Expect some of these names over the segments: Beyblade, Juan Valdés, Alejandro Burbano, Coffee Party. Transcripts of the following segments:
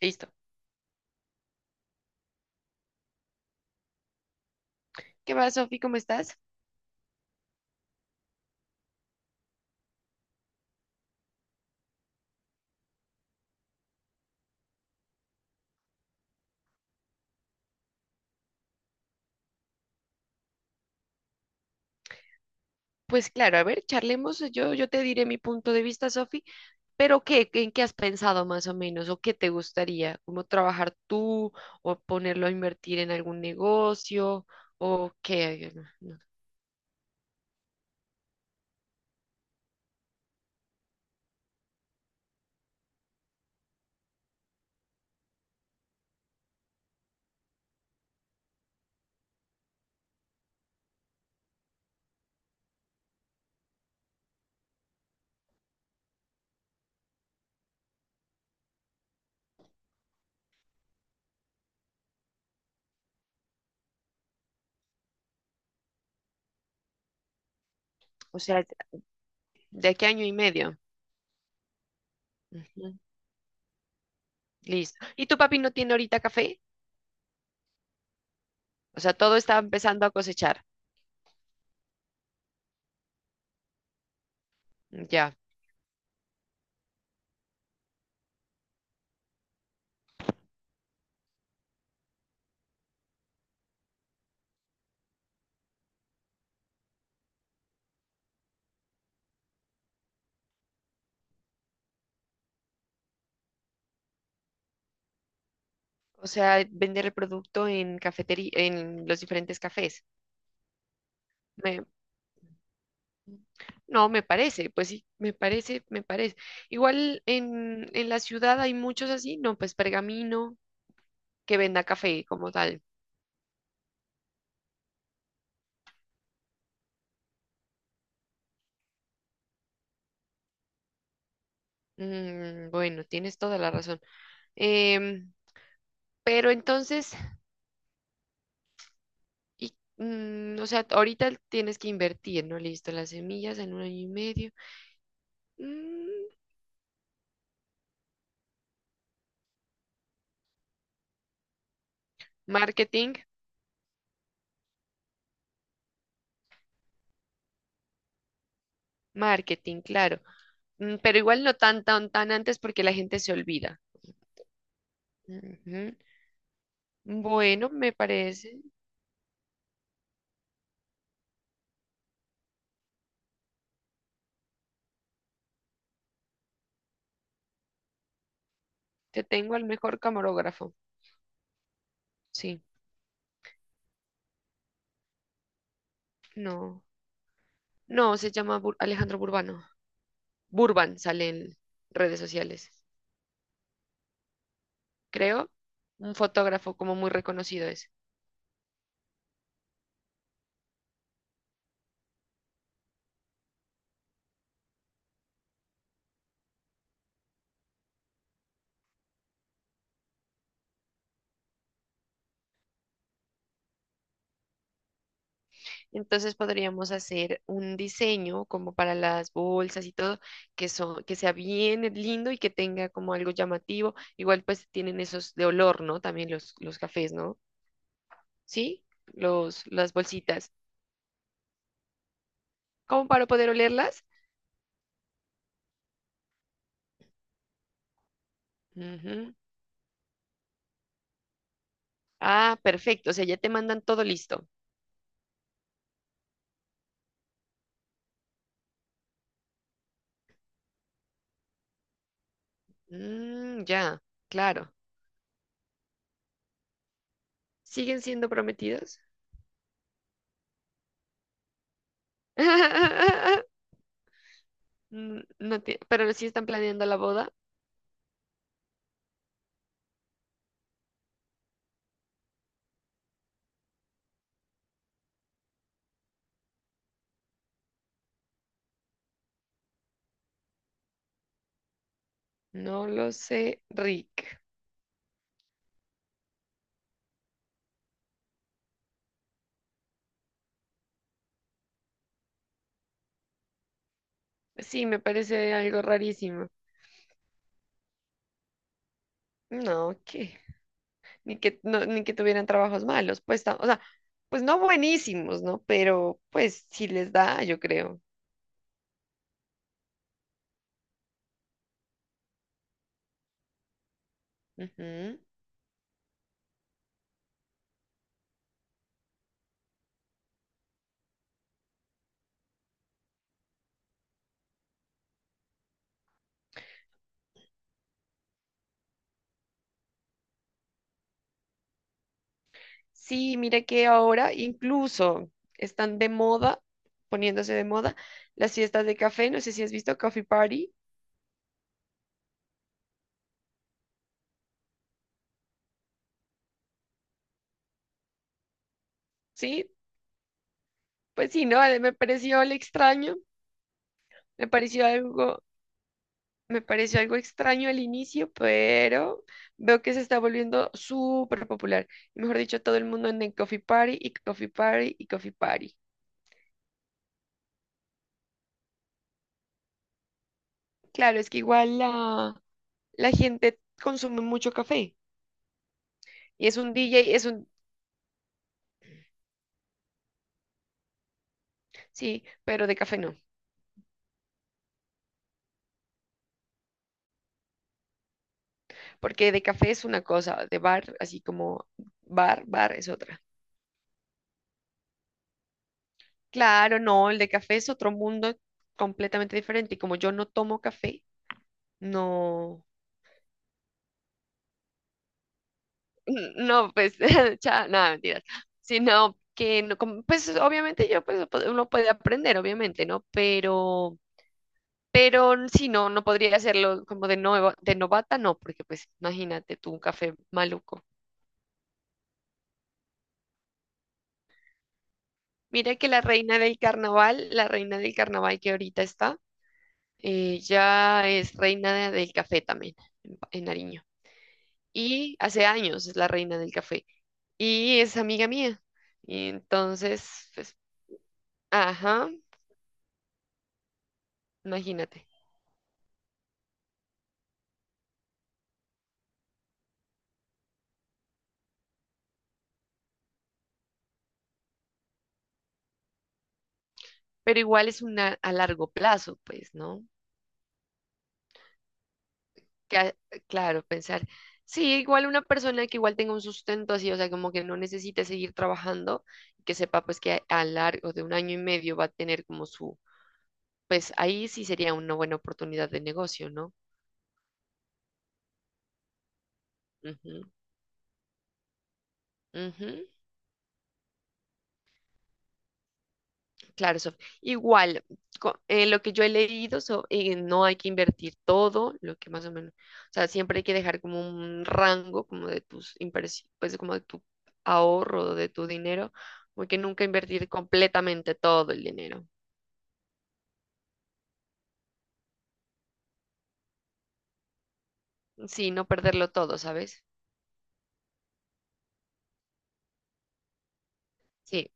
Listo. ¿Qué va, Sofi? ¿Cómo estás? Pues claro, a ver, charlemos. Yo te diré mi punto de vista, Sofi, pero ¿en qué has pensado más o menos? ¿O qué te gustaría? ¿Cómo trabajar tú? ¿O ponerlo a invertir en algún negocio? ¿O qué? No, no. O sea, ¿de qué año y medio? Ujú. Listo. ¿Y tu papi no tiene ahorita café? O sea, todo está empezando a cosechar. Ya. O sea, vender el producto en cafetería, en los diferentes cafés. Me, No, me parece, pues sí, me parece, me parece. Igual en la ciudad hay muchos así, no, pues Pergamino, que venda café como tal. Mm, bueno, tienes toda la razón. Em, pero entonces, y, o sea, ahorita tienes que invertir, ¿no? Listo, las semillas en un año y medio. Mm, marketing, marketing, claro. Pero igual no tan, tan, tan antes porque la gente se olvida. Ujú. Bueno, me parece. Te tengo al mejor camarógrafo. Sí, no. No, se llama Alejandro Burbano. Burban sale en redes sociales. Creo, un fotógrafo como muy reconocido es. Entonces podríamos hacer un diseño como para las bolsas y todo, que son, que sea bien lindo y que tenga como algo llamativo. Igual pues tienen esos de olor, ¿no? También los cafés, ¿no? Sí, los, las bolsitas. ¿Cómo para poder olerlas? Ujú. Ah, perfecto. O sea, ya te mandan todo listo. Mm, ya, claro. ¿Siguen siendo prometidos? No, pero sí están planeando la boda. No lo sé, Rick. Sí, me parece algo rarísimo. No, que ni que no, ni que tuvieran trabajos malos, pues, o sea, pues no buenísimos, ¿no? Pero pues sí les da, yo creo. Ujú. Sí, mira que ahora incluso están de moda, poniéndose de moda las fiestas de café, no sé si has visto Coffee Party, ¿sí? Pues sí, ¿no? Me pareció el extraño. Me pareció algo, Me pareció algo extraño al inicio, pero veo que se está volviendo súper popular. Y mejor dicho, todo el mundo anda en Coffee Party y Coffee Party y Coffee Party. Claro, es que igual la gente consume mucho café. Y es un DJ, sí, pero de café no. Porque de café es una cosa, de bar, así como bar es otra. Claro, no, el de café es otro mundo completamente diferente. Y como yo no tomo café, no. No, pues, nada, mentiras. Sino que, no, como, pues, obviamente yo, pues, uno puede aprender, obviamente, ¿no? Pero si no, no podría hacerlo como de nuevo, de novata, no, porque, pues, imagínate tú un café maluco. Mira que la reina del carnaval, la reina del carnaval que ahorita está, ella es reina del café también, en Nariño. Y hace años es la reina del café. Y es amiga mía. Y entonces, pues, ajá, imagínate. Pero igual es una a largo plazo, pues, ¿no? Que, a- claro, pensar, sí, igual una persona que igual tenga un sustento así, o sea, como que no necesite seguir trabajando, que sepa pues que a largo de un año y medio va a tener como su, pues ahí sí sería una buena oportunidad de negocio, ¿no? Ujú, ujú. Claro, Sof. Igual, lo que yo he leído, no hay que invertir todo, lo que más o menos, o sea, siempre hay que dejar como un rango, como de tus inversiones, pues como de tu ahorro, de tu dinero, porque nunca invertir completamente todo el dinero. Sí, no perderlo todo, ¿sabes? Sí.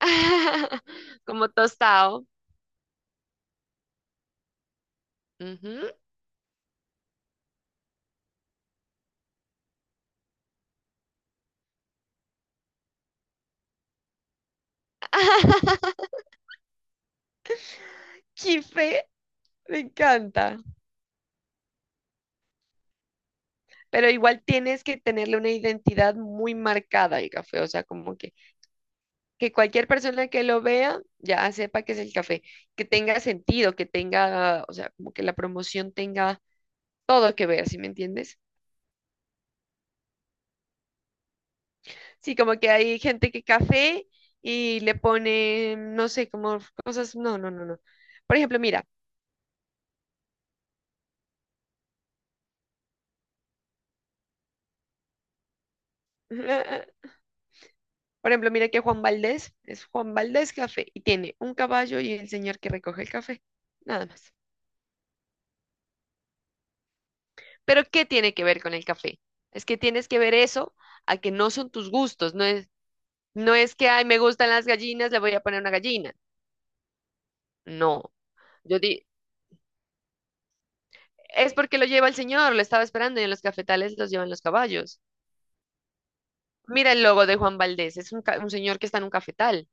Como tostado. Ujú. ¡Qué fe! Me encanta. Pero igual tienes que tenerle una identidad muy marcada al café, o sea, como que cualquier persona que lo vea ya sepa que es el café, que tenga sentido, que tenga, o sea, como que la promoción tenga todo que ver, ¿sí me entiendes? Sí, como que hay gente que café y le pone, no sé, como cosas, no, no, no, no. Por ejemplo, mira, por ejemplo, mira que Juan Valdés es Juan Valdés Café y tiene un caballo y el señor que recoge el café, nada más. Pero ¿qué tiene que ver con el café? Es que tienes que ver eso a que no son tus gustos, no es. No es que, ay, me gustan las gallinas, le voy a poner una gallina. No. Yo di, es porque lo lleva el señor, lo estaba esperando y en los cafetales los llevan los caballos. Mira el logo de Juan Valdés, es un, un señor que está en un cafetal.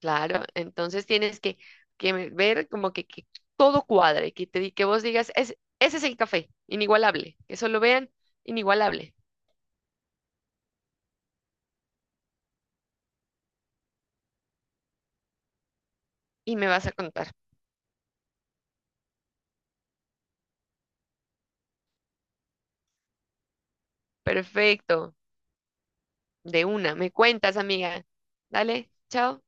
Claro, entonces tienes que, ver como que todo cuadre, que vos digas: Ese es el café, inigualable, que solo vean, inigualable." Y me vas a contar. Perfecto, de una, me cuentas, amiga. Dale, chao.